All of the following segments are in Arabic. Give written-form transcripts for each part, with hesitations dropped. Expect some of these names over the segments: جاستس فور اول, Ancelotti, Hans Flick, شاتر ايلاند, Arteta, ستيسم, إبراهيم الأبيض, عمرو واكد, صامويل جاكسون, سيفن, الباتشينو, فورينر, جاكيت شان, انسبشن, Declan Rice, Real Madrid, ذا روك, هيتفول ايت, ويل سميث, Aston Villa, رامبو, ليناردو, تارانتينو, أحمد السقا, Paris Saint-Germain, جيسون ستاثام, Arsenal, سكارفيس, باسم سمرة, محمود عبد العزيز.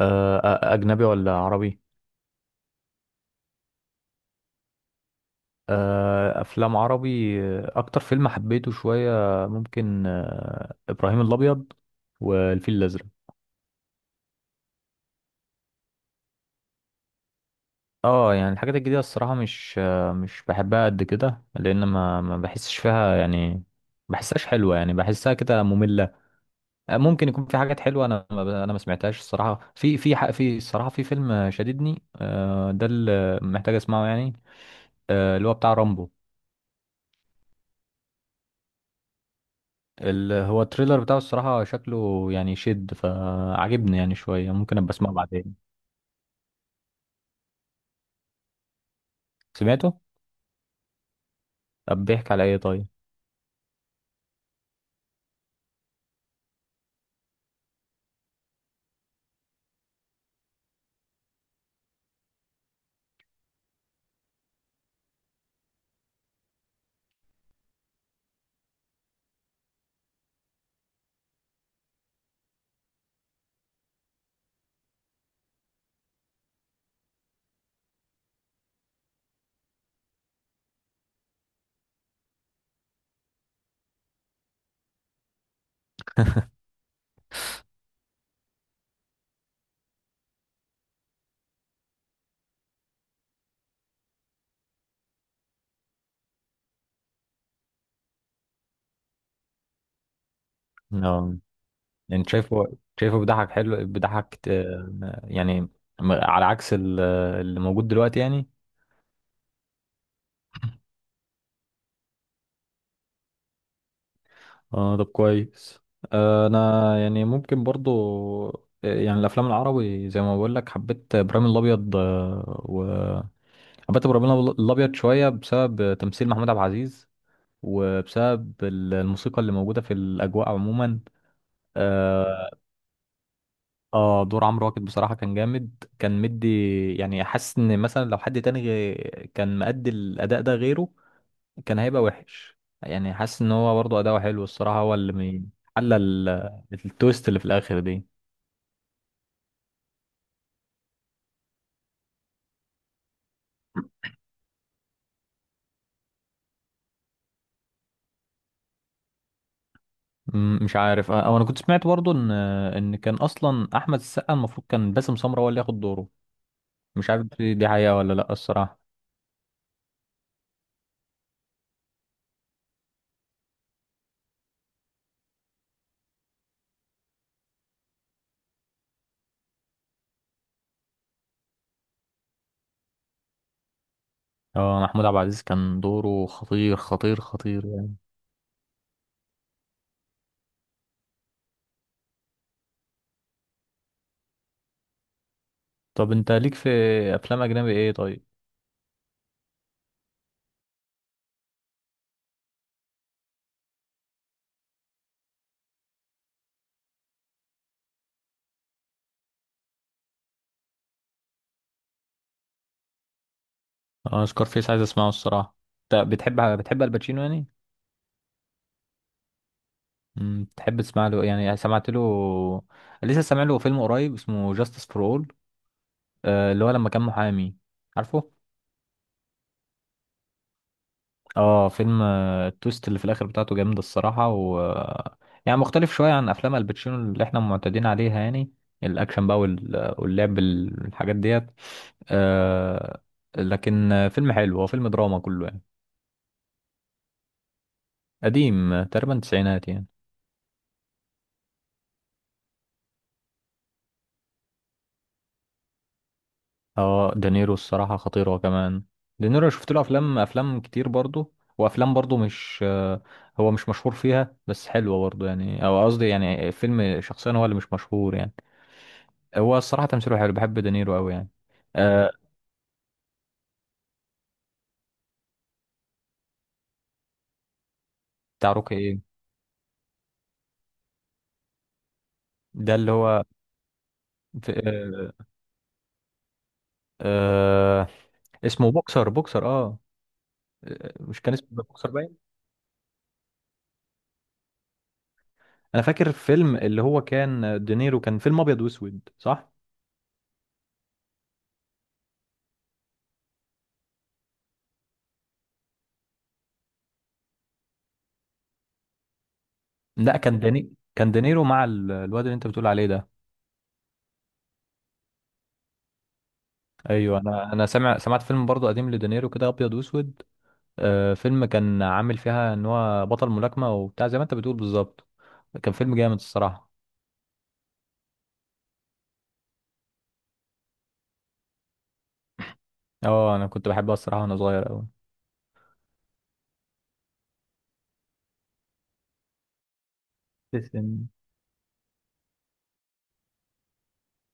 أجنبي ولا عربي؟ أفلام عربي. أكتر فيلم حبيته شوية ممكن إبراهيم الأبيض والفيل الأزرق. اه يعني الحاجات الجديدة الصراحة مش بحبها قد كده، لأن ما بحسش فيها يعني، بحسهاش حلوة، يعني بحسها كده مملة. ممكن يكون في حاجات حلوة، أنا ما ب- أنا ما سمعتهاش الصراحة. في الصراحة في فيلم شددني، ده اللي محتاج أسمعه يعني، اللي هو بتاع رامبو. هو التريلر بتاعه الصراحة شكله يعني شد فعجبني يعني شوية، ممكن أبقى أسمعه بعدين. سمعته؟ طب بيحكي على إيه طيب؟ نعم. يعني شايفه بيضحك حلو بيضحك، يعني على عكس اللي موجود دلوقتي يعني. اه طب كويس. انا يعني ممكن برضو، يعني الافلام العربي زي ما بقول لك، حبيت ابراهيم الابيض و حبيت ابراهيم الابيض شويه بسبب تمثيل محمود عبد العزيز، وبسبب الموسيقى اللي موجودة في الأجواء عموما. آه, آه دور عمرو واكد بصراحة كان جامد، كان مدي، يعني حاسس إن مثلا لو حد تاني كان مأدي الأداء ده غيره كان هيبقى وحش. يعني حاسس إن هو برضه أداؤه حلو الصراحة، هو اللي حل التويست اللي في الآخر دي. مم، مش عارف. أو أنا كنت سمعت برضه إن كان أصلا أحمد السقا المفروض كان باسم سمرة هو اللي ياخد دوره، مش عارف دي حقيقة ولا لأ الصراحة. اه محمود عبد العزيز كان دوره خطير خطير خطير يعني. طب انت ليك في افلام اجنبي ايه طيب؟ اه سكارفيس عايز اسمعه الصراحه. انت بتحب الباتشينو يعني؟ تحب تسمع له يعني؟ سمعت له لسه، سامع له فيلم قريب اسمه جاستس فور اول، اللي هو لما كان محامي، عارفه؟ اه فيلم، التويست اللي في الاخر بتاعته جامده الصراحه، و يعني مختلف شويه عن افلام الباتشينو اللي احنا معتادين عليها يعني. الاكشن بقى وال- آه، واللعب الحاجات ديت. آه لكن فيلم حلو، هو فيلم دراما كله يعني. قديم، تقريبا تسعينات يعني. اه دانيرو الصراحه خطير هو كمان. دانيرو شفت له افلام كتير برضه، وافلام برضه مش آه، هو مش مشهور فيها بس حلوه برضه يعني. او قصدي يعني فيلم شخصيا هو اللي مش مشهور يعني. هو الصراحة تمثيله حلو، بحب دينيرو قوي يعني. آه بتاع روكي ايه؟ ده اللي هو، في آه آه اسمه بوكسر اه. مش كان اسمه بوكسر باين؟ انا فاكر فيلم، اللي هو كان دينيرو كان فيلم ابيض واسود، صح؟ لا، كان داني، كان دينيرو مع الواد اللي انت بتقول عليه ده. ايوه، انا سامع سمعت فيلم برضه قديم لدينيرو كده ابيض واسود. آه فيلم كان عامل فيها ان هو بطل ملاكمة وبتاع، زي ما انت بتقول بالظبط. كان فيلم جامد الصراحة. اه انا كنت بحبها الصراحة وانا صغير قوي. ستيسم.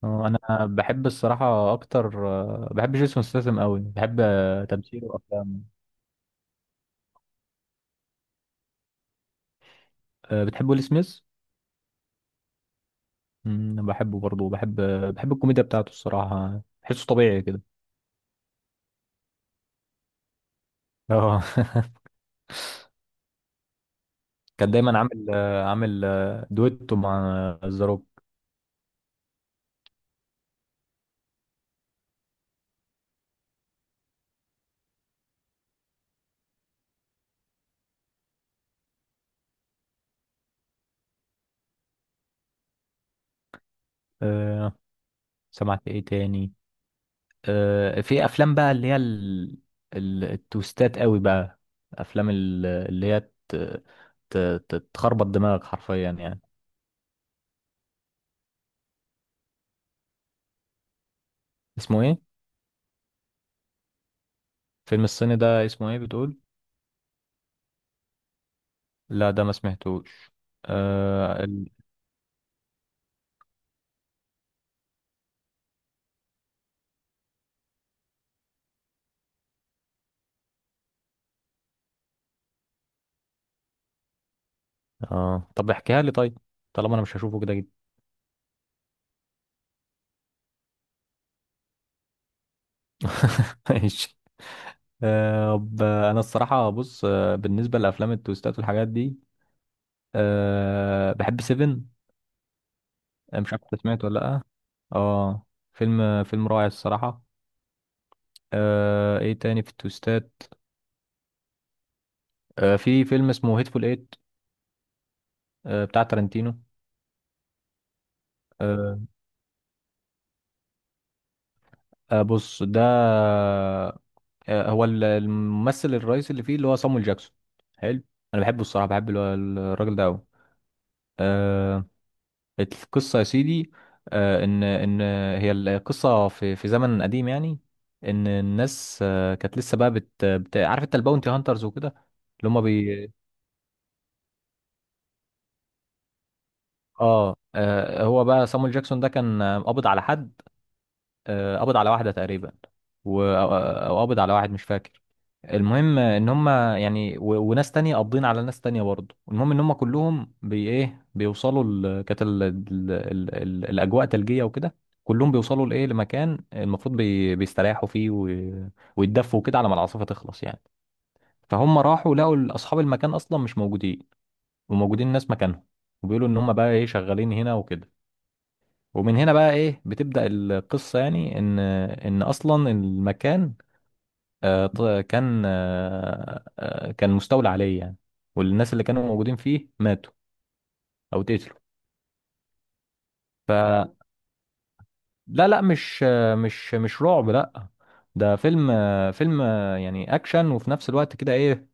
اه انا بحب الصراحه اكتر، بحب جيسون ستاثام قوي، بحب تمثيله وافلامه. بتحب ويل سميث؟ أمم، بحبه برضه، بحب الكوميديا بتاعته الصراحه، بحسه طبيعي كده. اه. كان دايما عامل دويتو مع ذا روك. آه، سمعت ايه تاني؟ في افلام بقى اللي هي التويستات قوي بقى، افلام اللي هي ت- ت- تخربط دماغك حرفيا يعني. اسمه ايه؟ فيلم الصيني ده اسمه ايه بتقول؟ لا ده ما سمعتوش. آه ال... آه طب احكيها لي طيب، طالما انا مش هشوفه كده جدا. ماشي. انا الصراحة بص، آه بالنسبة لافلام التويستات والحاجات دي، آه بحب سيفن. مش عارف انت سمعته ولا لا. اه فيلم، فيلم رائع الصراحة. آه ايه تاني في التويستات؟ آه في فيلم اسمه هيتفول ايت، آه بتاع تارانتينو. آه. آه بص ده، هو الممثل الرئيسي اللي فيه اللي هو صامويل جاكسون، حلو. انا بحبه الصراحه، بحب الراجل ده قوي. آه القصه يا سيدي، آه ان ان هي القصه، في في زمن قديم يعني، ان الناس آه كانت لسه بقى بت, بت عارف انت الباونتي هانترز وكده. اللي هم بي، اه هو بقى صامويل جاكسون ده كان قابض على حد، آه قابض على واحده تقريبا، و او قابض على واحد مش فاكر. المهم ان هم يعني، وناس تانية قابضين على ناس تانية برضه. المهم ان هم كلهم بي ايه بيوصلوا كانت الاجواء ثلجية وكده، كلهم بيوصلوا لايه، لمكان المفروض بيستريحوا فيه ويتدفوا كده على ما العاصفة تخلص يعني. فهم راحوا لقوا اصحاب المكان اصلا مش موجودين، وموجودين ناس مكانهم، وبيقولوا ان هم بقى ايه شغالين هنا وكده. ومن هنا بقى ايه بتبدأ القصة يعني، ان اصلا المكان، آه، ط- كان آه، آه، كان مستولى عليه يعني، والناس اللي كانوا موجودين فيه ماتوا او اتقتلوا. ف لا لا مش آه، مش مش رعب لا، ده فيلم يعني اكشن، وفي نفس الوقت كده ايه،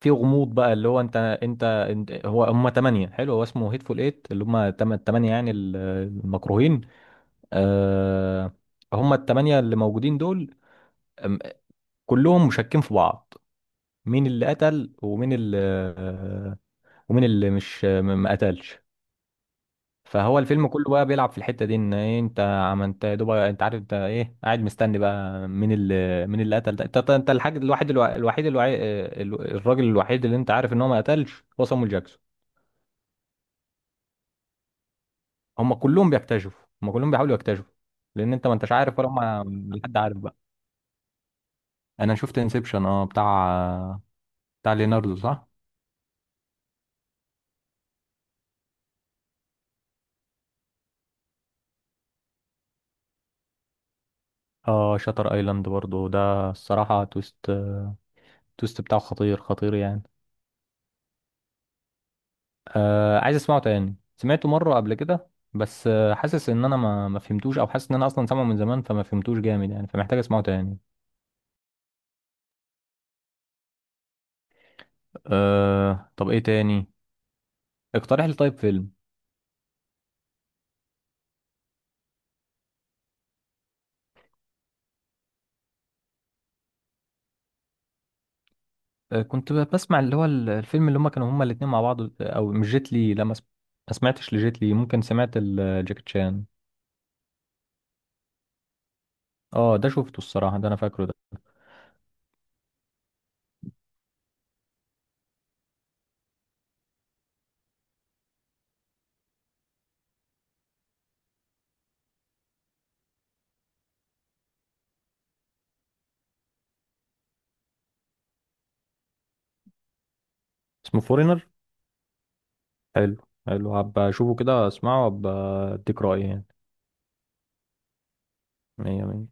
في غموض بقى. اللي هو انت انت, انت هو هم تمانية، حلو، هو اسمه هيتفول ايت اللي هم التمانية يعني المكروهين. آه، هم التمانية اللي موجودين دول، أم- كلهم مشكين في بعض، مين اللي قتل ومين اللي، ومين اللي مش م- ما قتلش. فهو الفيلم كله بقى بيلعب في الحتة دي، ان إيه انت عملت، يا دوب انت عارف انت ايه، قاعد مستني بقى مين اللي قتل ده، انت انت الحاج الوحيد الوحيد الراجل الوحيد اللي انت عارف ان هو ما قتلش هو صامويل جاكسون. هم كلهم بيكتشفوا، هم كلهم بيحاولوا يكتشفوا، لان انت ما انتش عارف ولا هم ولا حد عارف بقى. انا شفت انسبشن اه، بتاع ليناردو صح. اه شاتر ايلاند برضو ده الصراحة تويست، تويست بتاعه خطير خطير يعني. آه عايز اسمعه تاني، سمعته مرة قبل كده بس آه حاسس ان انا ما فهمتوش، او حاسس ان انا اصلا سامعه من زمان فما فهمتوش جامد يعني، فمحتاج اسمعه تاني. آه طب ايه تاني، اقترح لي طيب فيلم. كنت بسمع اللي هو الفيلم اللي هما كانوا هما الاتنين مع بعض، او مش جيت لي لا ما سمعتش لجيت لي، ممكن سمعت جاكيت شان. اه ده شفته الصراحة ده انا فاكره ده. اسمه فورينر؟ حلو، حلو هبقى اشوفه كده، اسمعه وابقى اديك رأيي يعني. مية مية.